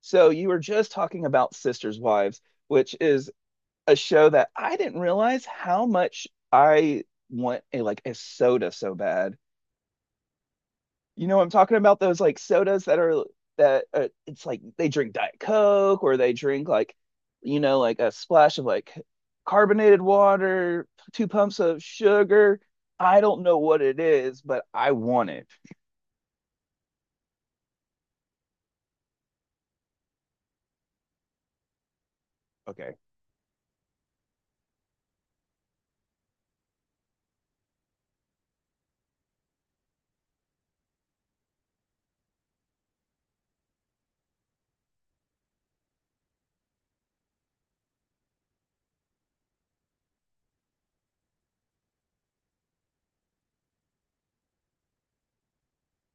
So you were just talking about Sisters Wives, which is a show that I didn't realize how much I want a like a soda so bad. You know, I'm talking about those like sodas that are that it's like they drink Diet Coke or they drink like you know like a splash of like carbonated water, two pumps of sugar. I don't know what it is, but I want it. Okay.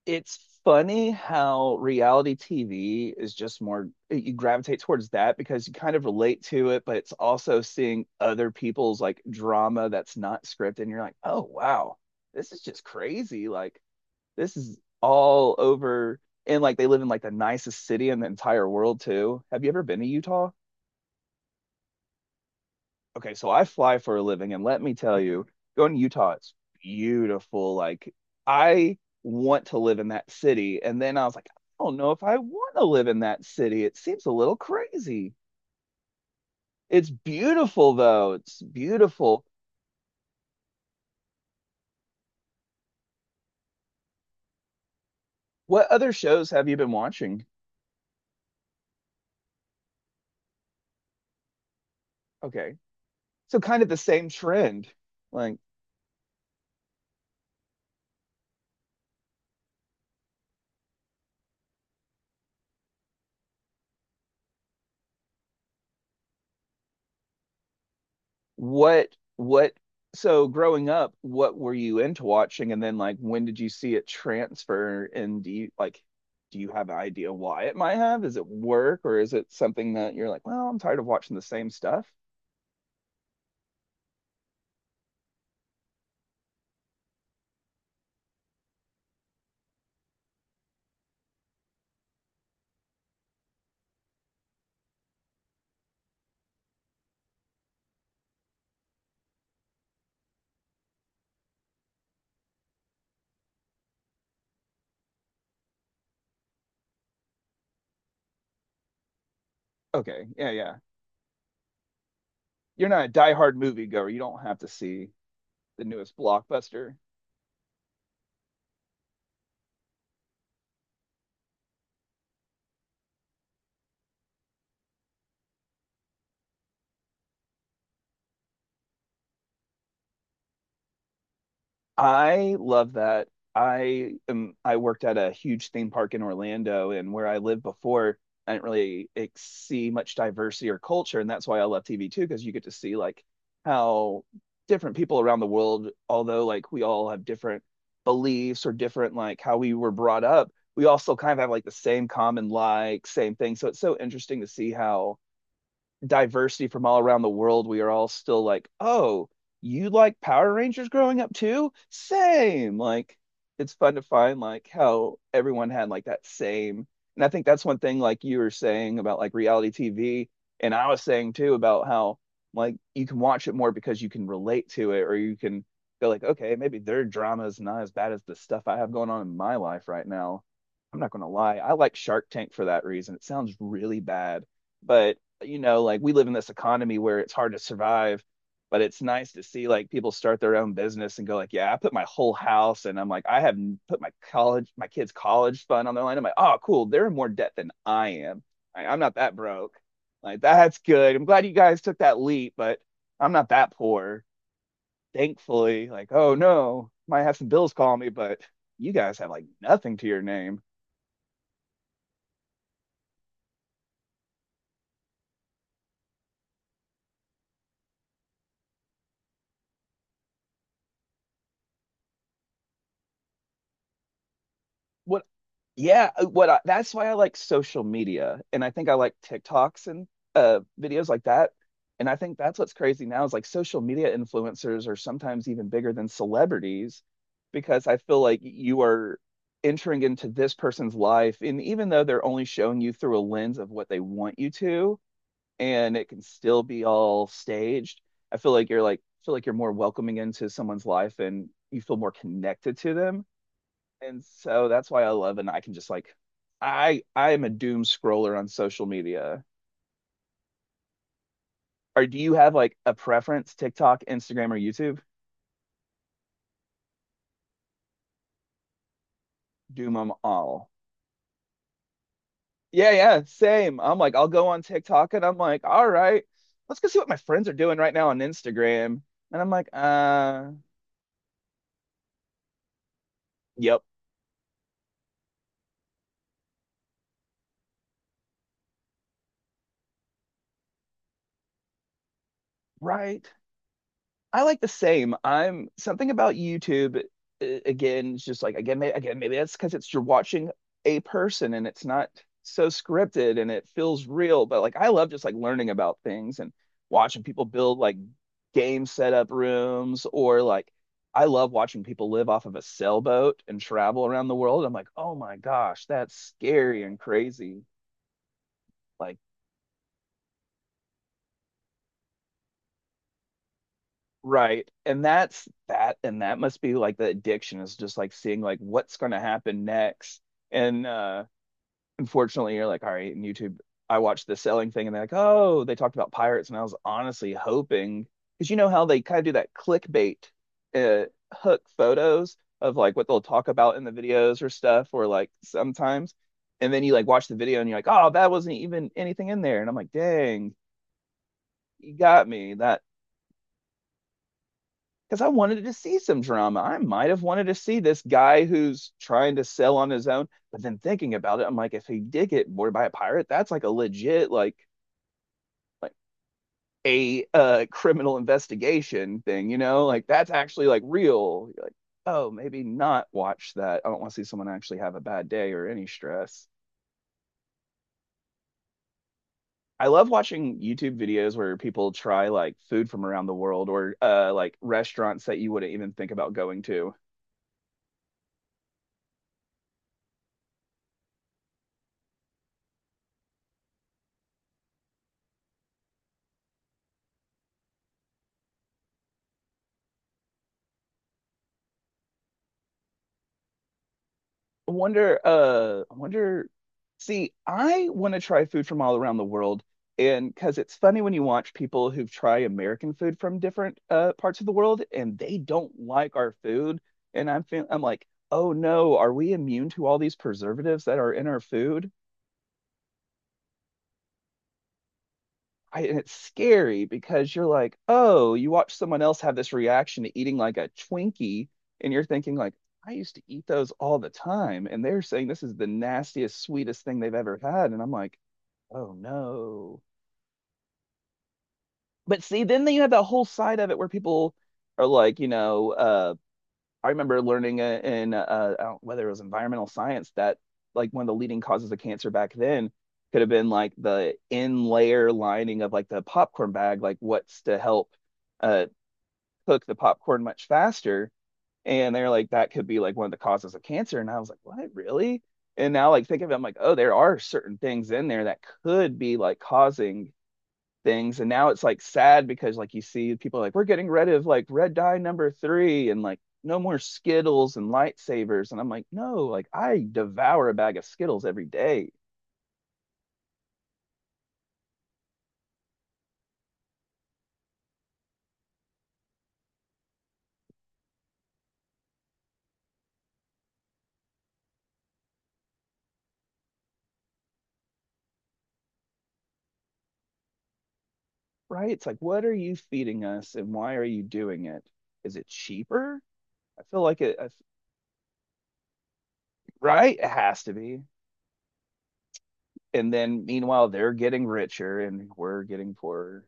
It's funny how reality TV is just more, you gravitate towards that because you kind of relate to it, but it's also seeing other people's like drama that's not scripted. And you're like, oh, wow, this is just crazy. Like, this is all over. And like, they live in like the nicest city in the entire world, too. Have you ever been to Utah? Okay, so I fly for a living, and let me tell you, going to Utah, it's beautiful. Like I want to live in that city, and then I was like, I don't know if I want to live in that city. It seems a little crazy. It's beautiful though. It's beautiful. What other shows have you been watching? Okay, so kind of the same trend. Like what so growing up, what were you into watching? And then like when did you see it transfer? And do you like do you have an idea why it might have? Is it work or is it something that you're like, well, I'm tired of watching the same stuff? Okay, yeah, yeah. You're not a diehard moviegoer. You don't have to see the newest blockbuster. I love that. I am, I worked at a huge theme park in Orlando, and where I lived before, I didn't really see much diversity or culture, and that's why I love TV too, because you get to see like how different people around the world, although like we all have different beliefs or different like how we were brought up, we all still kind of have like the same common like same thing. So it's so interesting to see how diversity from all around the world, we are all still like, oh, you like Power Rangers growing up too? Same. Like, it's fun to find like how everyone had like that same. And I think that's one thing like you were saying about like reality TV, and I was saying too about how like you can watch it more because you can relate to it, or you can go like, okay, maybe their drama is not as bad as the stuff I have going on in my life right now. I'm not gonna lie, I like Shark Tank for that reason. It sounds really bad, but you know, like we live in this economy where it's hard to survive, but it's nice to see like people start their own business and go like, yeah, I put my whole house and I'm like, I have put my college, my kids' college fund on their line. I'm like, oh, cool. They're in more debt than I am. Like, I'm not that broke. Like that's good. I'm glad you guys took that leap, but I'm not that poor. Thankfully, like, oh no, might have some bills call me, but you guys have like nothing to your name. what yeah, what I, that's why I like social media and I think I like TikToks and videos like that. And I think that's what's crazy now is like social media influencers are sometimes even bigger than celebrities because I feel like you are entering into this person's life and even though they're only showing you through a lens of what they want you to and it can still be all staged, I feel like you're like feel like you're more welcoming into someone's life and you feel more connected to them and so that's why I love and I can just like I am a doom scroller on social media. Or do you have like a preference, TikTok, Instagram, or YouTube? Doom them all. Yeah, yeah, same. I'm like, I'll go on TikTok and I'm like, all right, let's go see what my friends are doing right now on Instagram. And I'm like, yep, right. I like the same. I'm something about YouTube again, it's just like again, maybe that's because it's you're watching a person and it's not so scripted and it feels real. But like I love just like learning about things and watching people build like game setup rooms or like I love watching people live off of a sailboat and travel around the world. I'm like, oh my gosh, that's scary and crazy. Like right. And that's that and that must be like the addiction is just like seeing like what's going to happen next. And unfortunately you're like all right, and YouTube I watched the selling thing and they're like, "Oh, they talked about pirates." And I was honestly hoping cuz you know how they kind of do that clickbait uh hook photos of like what they'll talk about in the videos or stuff or like sometimes and then you like watch the video and you're like, "Oh, that wasn't even anything in there." And I'm like, "Dang, you got me." That because I wanted to see some drama. I might have wanted to see this guy who's trying to sell on his own, but then thinking about it, I'm like, if he did get boarded by a pirate, that's like a legit like a criminal investigation thing, you know? Like that's actually like real. You're like, oh, maybe not watch that. I don't want to see someone actually have a bad day or any stress. I love watching YouTube videos where people try like food from around the world or like restaurants that you wouldn't even think about going to. I wonder, see, I want to try food from all around the world. And because it's funny when you watch people who try American food from different parts of the world and they don't like our food. And I'm, feel, I'm like, oh no, are we immune to all these preservatives that are in our food? I, and it's scary because you're like, oh, you watch someone else have this reaction to eating like a Twinkie, and you're thinking like, I used to eat those all the time, and they're saying this is the nastiest, sweetest thing they've ever had, and I'm like, oh no. But see, then you have that whole side of it where people are like, you know, I remember learning in whether it was environmental science that like one of the leading causes of cancer back then could have been like the in layer lining of like the popcorn bag, like what's to help uh, cook the popcorn much faster. And they're like, that could be like one of the causes of cancer. And I was like, what, really? And now, like, think of it, I'm like, oh, there are certain things in there that could be like causing things and now it's like sad because like you see people like we're getting rid of like red dye number three and like no more skittles and lightsabers and I'm like no like I devour a bag of skittles every day right it's like what are you feeding us and why are you doing it is it cheaper I feel like it right it has to be and then meanwhile they're getting richer and we're getting poorer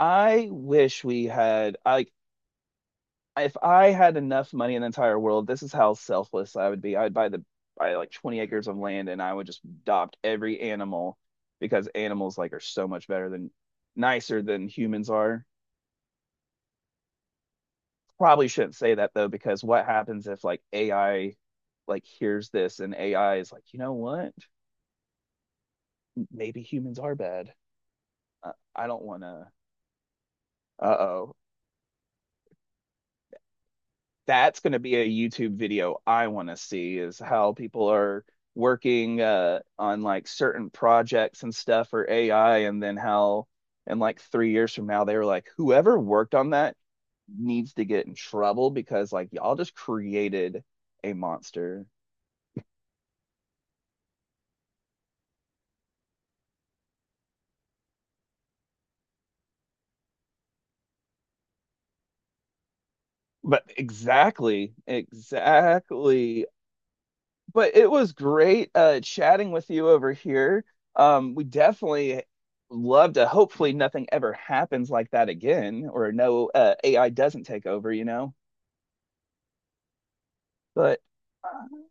I wish we had like if I had enough money in the entire world, this is how selfless I would be. I'd buy the buy like 20 acres of land and I would just adopt every animal because animals like are so much better than nicer than humans are. Probably shouldn't say that though, because what happens if like AI like hears this and AI is like, you know what? Maybe humans are bad. I don't want to. Uh-oh. That's going to be a YouTube video I want to see is how people are working on like certain projects and stuff for AI, and then how in like 3 years from now they were like, whoever worked on that needs to get in trouble because like y'all just created a monster. But exactly, exactly. But it was great chatting with you over here. We definitely love to. Hopefully, nothing ever happens like that again, or no AI doesn't take over. You know, but. uh,